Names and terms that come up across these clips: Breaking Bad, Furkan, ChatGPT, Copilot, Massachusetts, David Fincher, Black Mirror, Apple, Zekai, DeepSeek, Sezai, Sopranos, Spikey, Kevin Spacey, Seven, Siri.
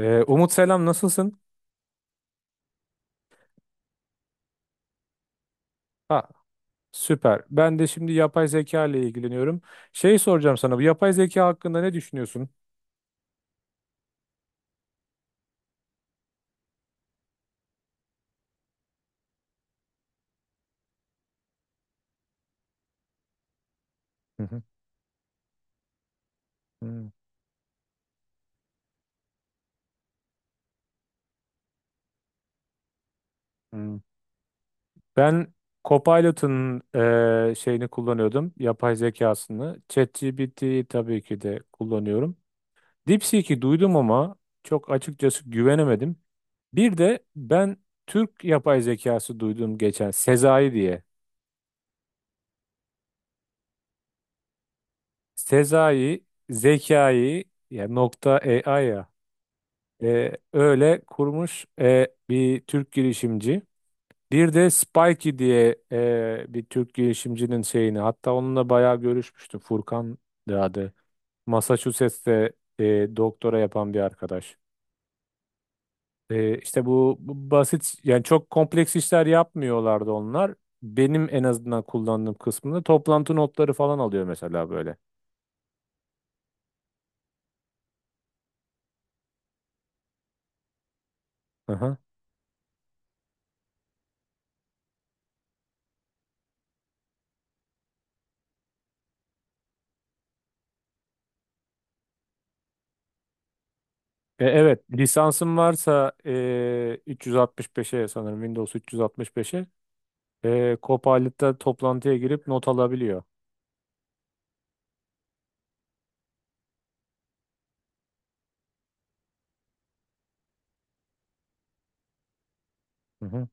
Umut, selam, nasılsın? Ha, süper. Ben de şimdi yapay zeka ile ilgileniyorum. Şey soracağım sana, bu yapay zeka hakkında ne düşünüyorsun? Hı hı. Hı hı. Ben Copilot'un şeyini kullanıyordum. Yapay zekasını. ChatGPT 'yi tabii ki de kullanıyorum. DeepSeek'i duydum ama çok açıkçası güvenemedim. Bir de ben Türk yapay zekası duydum geçen, Sezai diye. Sezai, Zekai ya nokta AI ya. Öyle kurmuş, bir Türk girişimci. Bir de Spikey diye, bir Türk girişimcinin şeyini, hatta onunla bayağı görüşmüştüm. Furkan da adı. Massachusetts'te e, doktora yapan bir arkadaş. İşte bu basit, yani çok kompleks işler yapmıyorlardı onlar. Benim en azından kullandığım kısmında toplantı notları falan alıyor mesela, böyle. Aha. Evet, lisansım varsa, 365'e, sanırım Windows 365'e, Copilot'ta toplantıya girip not alabiliyor. Hı hı.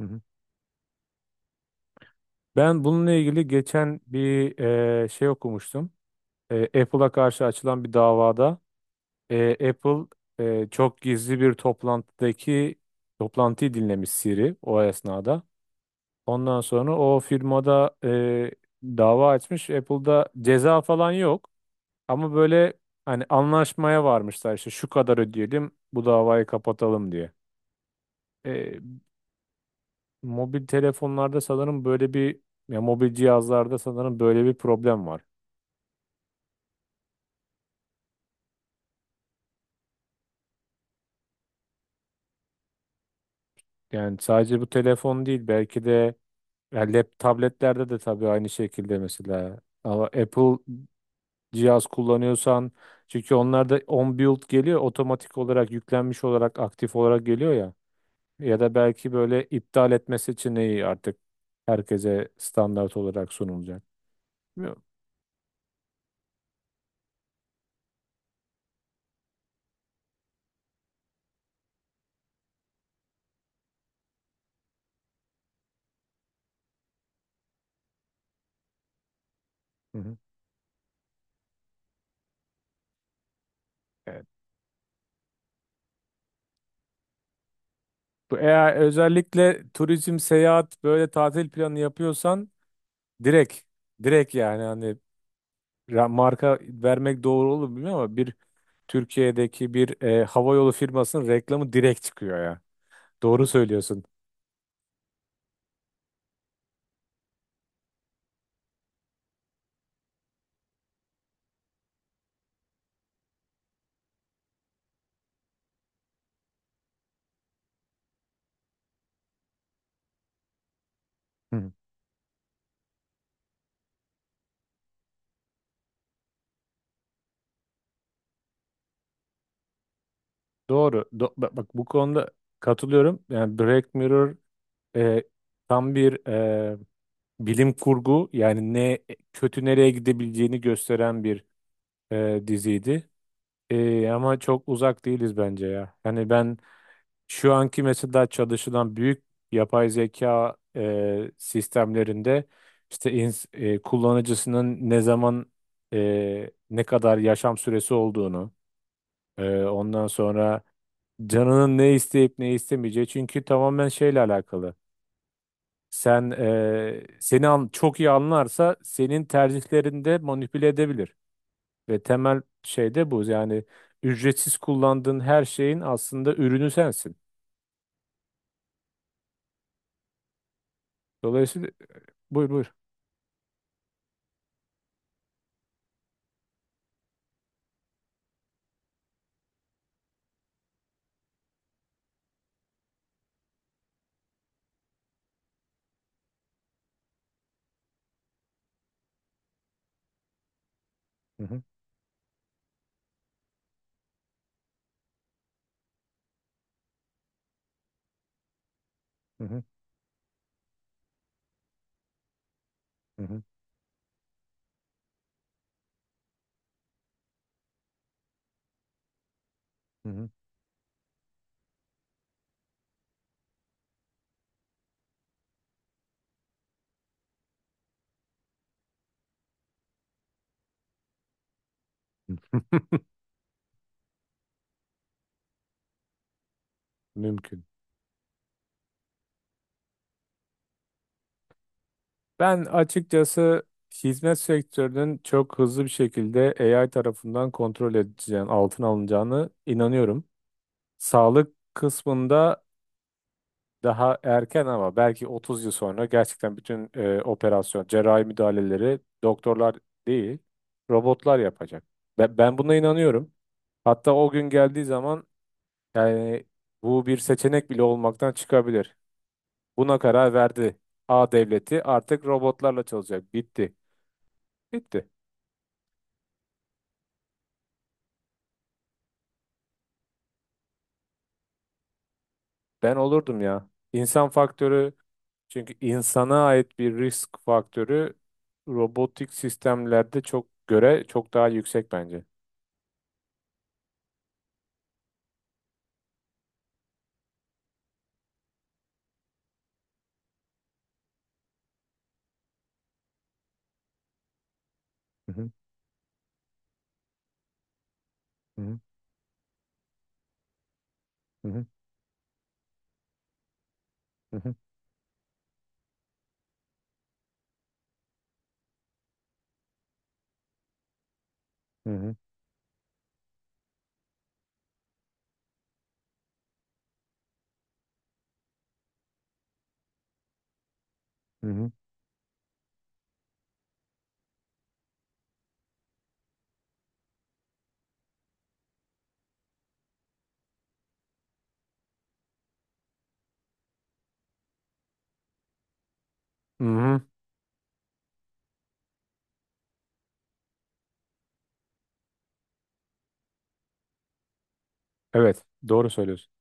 Hı hı. Ben bununla ilgili geçen bir şey okumuştum. Apple'a karşı açılan bir davada, Apple çok gizli bir toplantıdaki toplantıyı dinlemiş Siri o esnada. Ondan sonra o firmada dava açmış. Apple'da ceza falan yok. Ama böyle hani, anlaşmaya varmışlar işte, şu kadar ödeyelim bu davayı kapatalım diye. Mobil telefonlarda sanırım böyle bir, ya mobil cihazlarda sanırım böyle bir problem var. Yani sadece bu telefon değil belki de, ya lap tabletlerde de tabii aynı şekilde mesela, ama Apple cihaz kullanıyorsan, çünkü onlarda on build geliyor, otomatik olarak yüklenmiş olarak, aktif olarak geliyor ya, ya da belki böyle iptal etme seçeneği artık herkese standart olarak sunulacak. Bilmiyorum. Hı hı. Evet. Eğer özellikle turizm, seyahat, böyle tatil planı yapıyorsan, direkt direkt, yani hani, marka vermek doğru olur mu bilmiyorum ama Türkiye'deki bir havayolu firmasının reklamı direkt çıkıyor ya. Doğru söylüyorsun. Hı. Doğru. Bak bu konuda katılıyorum. Yani Black Mirror, e, tam bir, bilim kurgu, yani ne kötü, nereye gidebileceğini gösteren bir, diziydi. Ama çok uzak değiliz bence ya. Hani ben, şu anki mesela çalışılan büyük yapay zeka sistemlerinde, işte kullanıcısının ne zaman, ne kadar yaşam süresi olduğunu, ondan sonra canının ne isteyip ne istemeyeceği, çünkü tamamen şeyle alakalı. Seni çok iyi anlarsa senin tercihlerinde manipüle edebilir ve temel şey de bu. Yani ücretsiz kullandığın her şeyin aslında ürünü sensin. Dolayısıyla, buyur buyur. Hı hı, hı hı, hı hı. Mümkün. Ben açıkçası hizmet sektörünün çok hızlı bir şekilde AI tarafından kontrol edileceğini, altına alınacağını inanıyorum. Sağlık kısmında daha erken ama belki 30 yıl sonra gerçekten bütün operasyon, cerrahi müdahaleleri doktorlar değil, robotlar yapacak. Ben buna inanıyorum. Hatta o gün geldiği zaman, yani bu bir seçenek bile olmaktan çıkabilir. Buna karar verdi. A devleti artık robotlarla çalışacak. Bitti. Bitti. Ben olurdum ya. İnsan faktörü, çünkü insana ait bir risk faktörü robotik sistemlerde çok göre çok daha yüksek bence. Hı hı, hı hı, hı hı, hı hı, hı hı, hı hı. Hı hı. Evet, doğru söylüyorsun.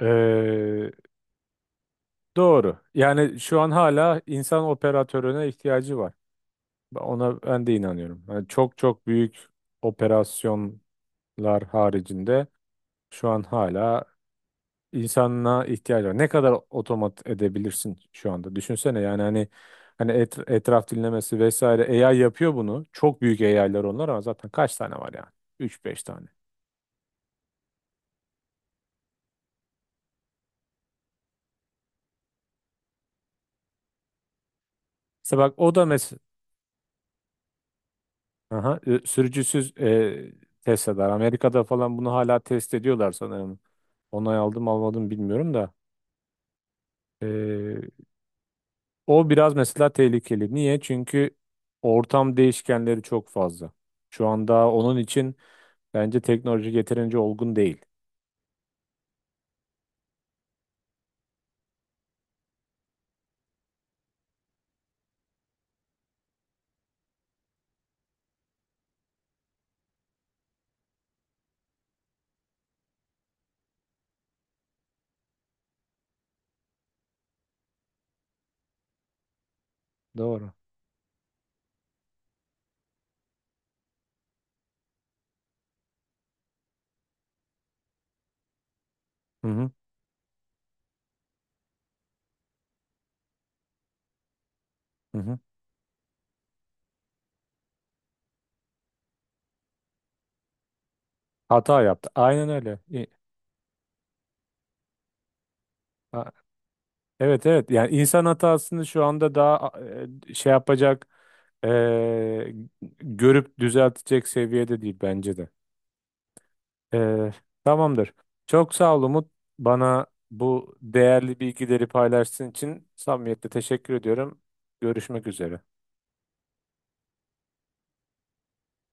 Ee, doğru. Yani şu an hala insan operatörüne ihtiyacı var. Ona ben de inanıyorum. Yani çok çok büyük operasyonlar haricinde şu an hala insana ihtiyaç var. Ne kadar otomat edebilirsin şu anda? Düşünsene, yani hani, etraf dinlemesi vesaire AI yapıyor bunu. Çok büyük AI'lar onlar, ama zaten kaç tane var yani? Üç beş tane. İşte bak, o da Aha, sürücüsüz test eder. Amerika'da falan bunu hala test ediyorlar sanırım. Onay aldım almadım bilmiyorum da. E, O biraz mesela tehlikeli. Niye? Çünkü ortam değişkenleri çok fazla. Şu anda onun için bence teknoloji yeterince olgun değil. Doğru. Hı hı, hı hı. Hata yaptı. Aynen öyle. A- Evet, evet. Yani insan hatasını şu anda daha şey yapacak, e, görüp düzeltecek seviyede değil bence de. Ee, Tamamdır. Çok sağ ol, Umut. Bana bu değerli bilgileri paylaştığın için samimiyetle teşekkür ediyorum. Görüşmek üzere.